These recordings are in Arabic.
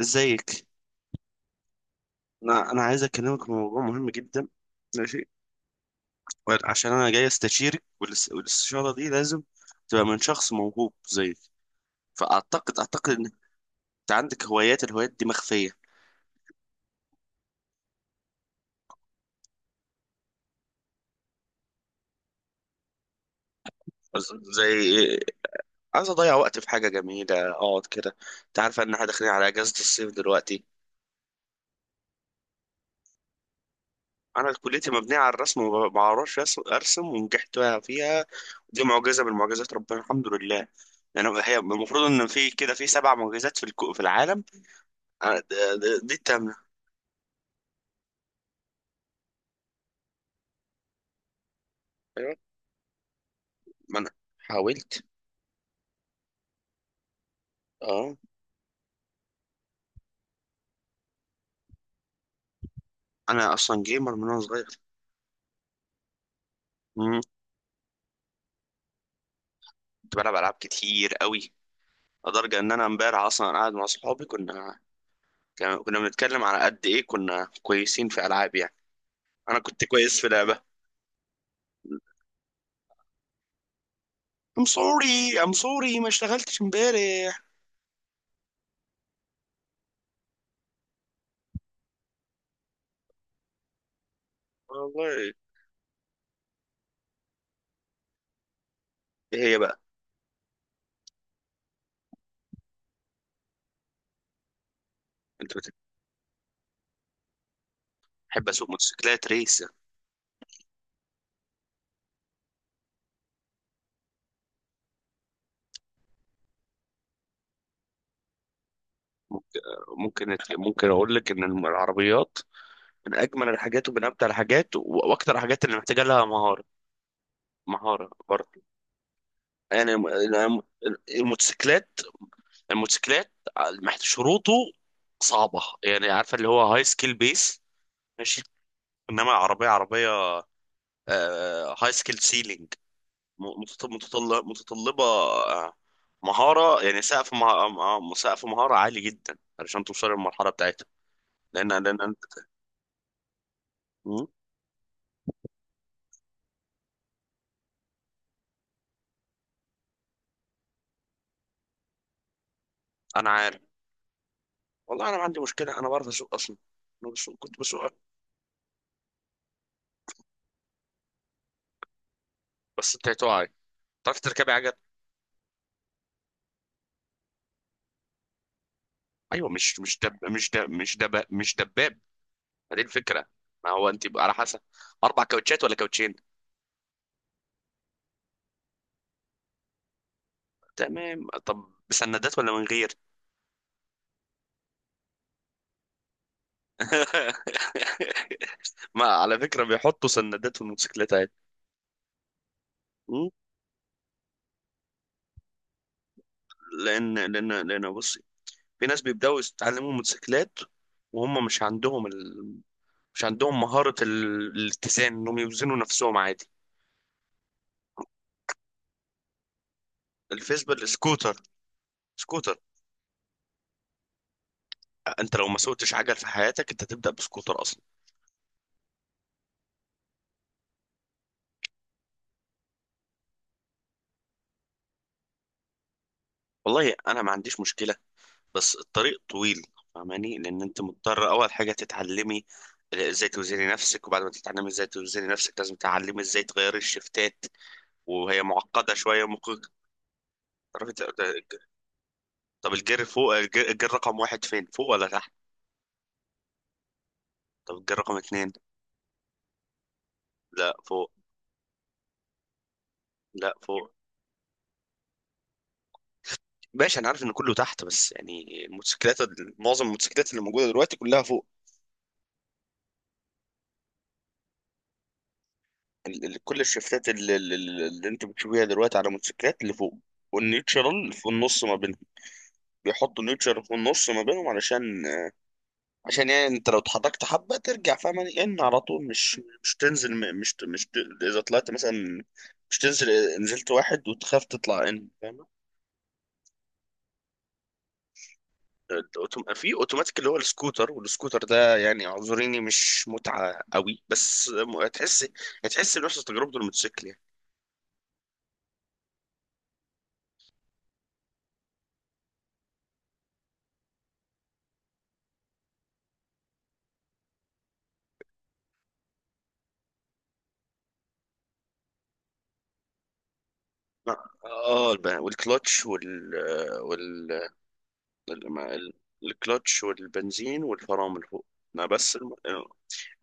ازيك؟ انا عايز اكلمك في موضوع مهم جدا. ماشي. عشان انا جاي استشيرك والاستشاره دي لازم تبقى من شخص موهوب زيك. فاعتقد ان انت عندك الهوايات دي مخفيه. زي، عايز اضيع وقت في حاجه جميله، اقعد كده. انت عارف ان احنا داخلين على اجازه الصيف دلوقتي. انا كليتي مبنيه على الرسم وما بعرفش ارسم، ونجحت فيها. دي معجزه من معجزات ربنا، الحمد لله. يعني هي المفروض ان في كده، في سبع معجزات في العالم. دي التامنة. أيوة. ما أنا حاولت. أه. أنا أصلا جيمر من وأنا صغير. مم. كنت بلعب ألعاب كتير قوي، لدرجة إن أنا إمبارح أصلا قاعد مع صحابي، كنا كنا بنتكلم على قد إيه كنا كويسين في ألعاب يعني. أنا كنت كويس في لعبة. I'm sorry. I'm sorry، ما اشتغلتش إمبارح. والله. إيه هي بقى؟ أنت بت- بحب أسوق موتوسيكلات ريس. ممكن. ممكن أقول لك إن العربيات من أجمل الحاجات، ومن أمتع الحاجات، وأكتر الحاجات اللي محتاجة لها مهارة. مهارة برضه. يعني الموتوسيكلات، الموتوسيكلات، شروطه صعبة يعني، عارفة اللي هو هاي سكيل بيس. ماشي. انما عربية عربية، هاي سكيل سيلينج، متطلبة مهارة. يعني سقف سقف مهارة عالي جدا علشان توصل للمرحلة بتاعتها. لأن أنا، مم. أنا عارف والله، أنا ما عندي مشكلة، أنا بعرف أسوق أصلا. أنا بسوق كنت بسوق. بس أنت هتقعي، تعرفي تركبي عجل؟ ايوه، مش دب مش دب مش دب مش دباب. هذه الفكره. ما هو انت بقى على حسب، اربع كاوتشات ولا كاوتشين؟ تمام، طب بسندات ولا من غير؟ ما على فكره بيحطوا سندات في الموتوسيكلات عادي. م? لان بصي، في ناس بيبداوا يتعلموا موتوسيكلات وهم مش عندهم ال... مش عندهم مهاره ال... الاتزان، انهم يوزنوا نفسهم عادي. الفيسبل سكوتر، سكوتر. انت لو ما سوقتش عجل في حياتك انت تبدا بسكوتر اصلا. والله انا ما عنديش مشكله، بس الطريق طويل، فاهماني؟ لان انت مضطر اول حاجه تتعلمي ازاي توزني نفسك، وبعد ما تتعلمي ازاي توزني نفسك لازم تتعلمي ازاي تغيري الشفتات، وهي معقده شويه. ممكن تعرفي طب الجير فوق، الجير رقم واحد فين، فوق ولا تحت؟ طب الجير رقم اتنين؟ لا فوق. لا فوق. ماشي، انا عارف ان كله تحت بس يعني معظم الموتوسيكلات اللي موجوده دلوقتي كلها فوق. كل الشفتات اللي انت بتشوفيها دلوقتي على الموتوسيكلات اللي فوق، والنيوترال في النص ما بين. بيحطوا نيوترال في النص ما بينهم، علشان يعني انت لو اتحركت حبه ترجع، فاهم؟ ان على طول مش تنزل، م- مش ت- مش ت- اذا طلعت مثلا مش تنزل، نزلت واحد وتخاف تطلع، ان فاهم. في اوتوماتيك اللي هو السكوتر، والسكوتر ده يعني اعذريني مش متعه قوي، بس هتحس، هتحس بنفس تجربه الموتوسيكل يعني. ما- اه الب- والكلتش وال وال الم- الكلتش والبنزين والفرامل فوق. ما بس الم...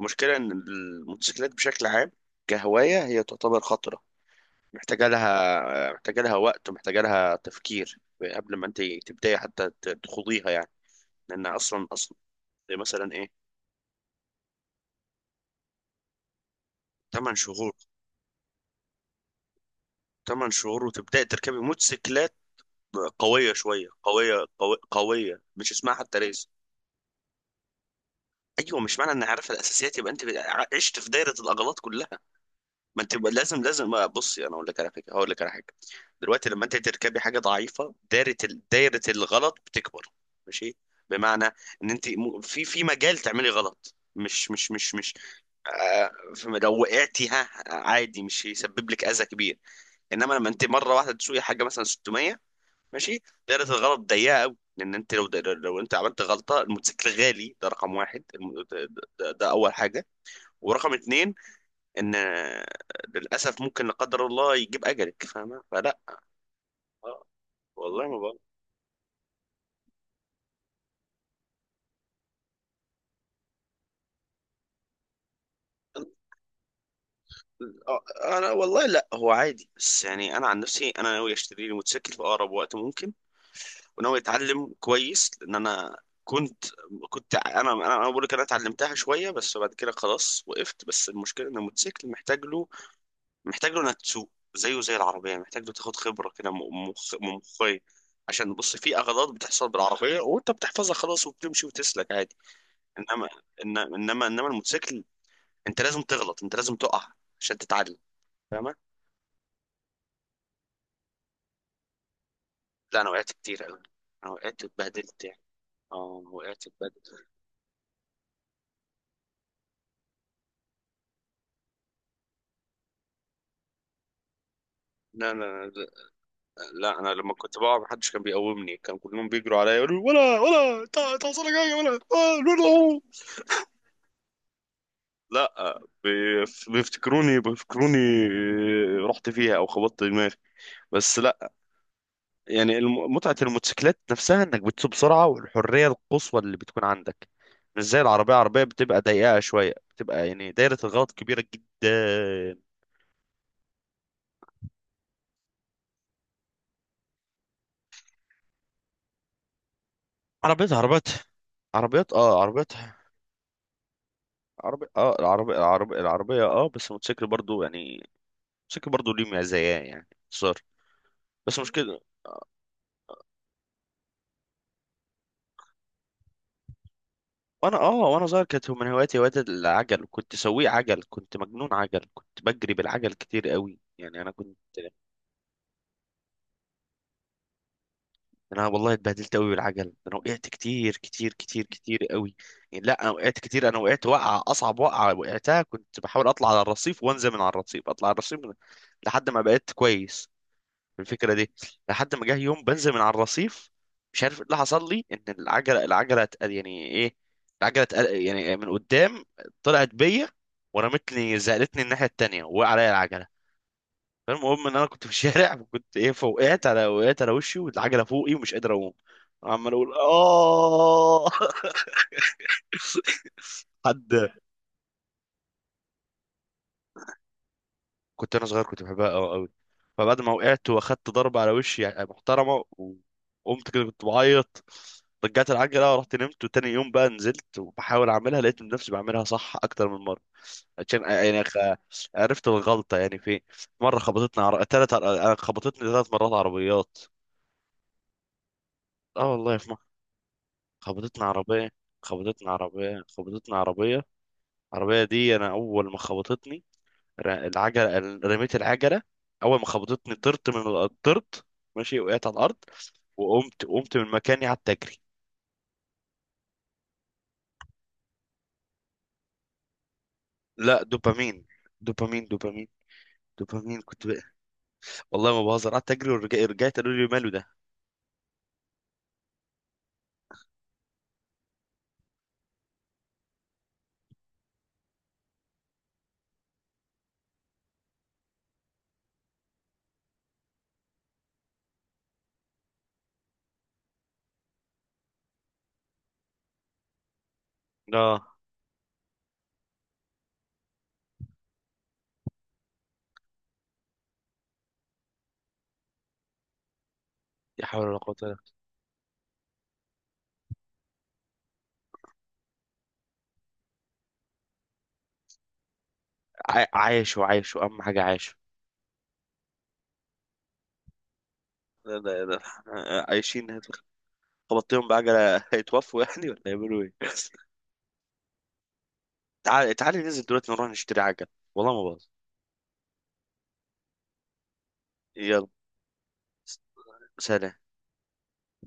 المشكلة إن الموتوسيكلات بشكل عام كهواية هي تعتبر خطرة، محتاجة لها وقت، ومحتاجة لها تفكير قبل ما أنت تبدأي حتى تخوضيها يعني. لأن أصلا، زي مثلا إيه؟ تمن شهور. تمن شهور وتبدأي تركبي موتوسيكلات قوية شوية، قوية قوي، قوية مش اسمها حتى ريس. أيوة، مش معنى إني عارفة الأساسيات يبقى أنت عشت في دايرة الأغلاط كلها. ما انت لازم، بصي انا اقول لك على فكره، هقول لك على حاجه. دلوقتي لما انت تركبي حاجه ضعيفه، دايره الغلط بتكبر. ماشي؟ بمعنى ان انت في مجال تعملي غلط، مش مش مش مش آه، لو وقعتي ها عادي، مش هيسبب لك اذى كبير. انما لما انت مره واحده تسوقي حاجه مثلا 600، ماشي، دايره الغلط ضيقه قوي، لان انت لو انت عملت غلطه، الموتوسيكل غالي ده رقم واحد، ده اول حاجه، ورقم اتنين ان للاسف ممكن لا قدر الله يجيب اجلك، فاهمه؟ فلا، آه، والله ما بقى. انا والله لا، هو عادي، بس يعني انا عن نفسي انا ناوي اشتري لي موتوسيكل في اقرب وقت ممكن، وناوي اتعلم كويس. لان انا كنت، كنت انا انا أنا بقول لك، انا اتعلمتها شويه بس بعد كده خلاص وقفت. بس المشكله ان الموتوسيكل محتاج له انك تسوق. زيه زي العربيه، محتاج له تاخد خبره كده م- مخ مخيه، عشان بص في اغلاط بتحصل بالعربيه وانت بتحفظها خلاص وبتمشي وتسلك عادي. انما، انما الموتوسيكل انت لازم تغلط، انت لازم تقع عشان تتعلم، فاهمة؟ لا انا وقعت كتير قوي، انا وقعت اتبهدلت يعني. اه وقعت اتبهدلت. لا لا لا. لا، انا لما كنت بقع محدش كان بيقومني، كان كلهم بيجروا عليا يقولوا، ولا، ولا تعصلك حاجه، ولا لا. لا. لا بيفتكروني رحت فيها او خبطت دماغي، بس لا. يعني متعة الموتوسيكلات نفسها انك بتسوق بسرعة، والحرية القصوى اللي بتكون عندك، مش زي العربية. العربية بتبقى ضيقة شوية، بتبقى يعني دايرة الغلط كبيرة جدا. عربيات عربيات عربيات اه عربيات عربي اه العربية العربية بس الموتوسيكل برضو يعني، الموتوسيكل برضو ليه مزايا يعني صار. بس مش كده. وانا صغير كانت من هواياتي هواية العجل، كنت سويق عجل، كنت مجنون عجل، كنت بجري بالعجل كتير قوي يعني، انا كنت. انا والله اتبهدلت قوي بالعجل ده، انا وقعت كتير كتير كتير كتير قوي يعني. لا انا وقعت كتير. انا وقعت وقعه، اصعب وقعه وقعتها كنت بحاول اطلع على الرصيف، وانزل من على الرصيف، اطلع على الرصيف، من... لحد ما بقيت كويس الفكره دي. لحد ما جه يوم بنزل من على الرصيف، مش عارف ايه اللي حصل لي، ان العجله العجله اتق- يعني ايه العجله يعني من قدام طلعت بيا، ورمتني، زقلتني الناحيه التانيه، وقع عليا العجله. فالمهم ان انا كنت في الشارع وكنت ايه، فوقعت على وقعت على وشي والعجله فوقي، ومش قادر اقوم، عمال اقول اه. حد. كنت انا صغير كنت بحبها قوي قوي، فبعد ما وقعت واخدت ضربه على وشي يعني محترمه، وقمت كده كنت بعيط، رجعت العجله ورحت نمت، وتاني يوم بقى نزلت وبحاول اعملها، لقيت نفسي بعملها صح اكتر من مره، عشان يعني عرفت الغلطه يعني فين. مره خبطتني عر... تلت عر... أنا خبطتني ثلاث مرات عربيات. اه والله، في. خبطتني عربية، خبطتني عربية، خبطتني عربية. العربية دي أنا أول ما خبطتني، العجلة، رميت العجلة. أول ما خبطتني طرت طرت، ماشي، وقعت على الأرض. وقمت من مكاني، قعدت أجري. لا، دوبامين. دوبامين، دوبامين، دوبامين كنت بقى. والله ما بهزر، قعدت أجري، ورجعت، قالوا لي ماله ده. لا. يا حول ولا قوة إلا بالله. عايشوا، عايشوا، أهم حاجة عايشوا. لا لا لا، عايشين. خبطتهم بعجلة هيتوفوا يعني ولا يعملوا إيه؟ تعالي تعالي ننزل دلوقتي نروح نشتري عجل، والله ما باظ. يلا سلام.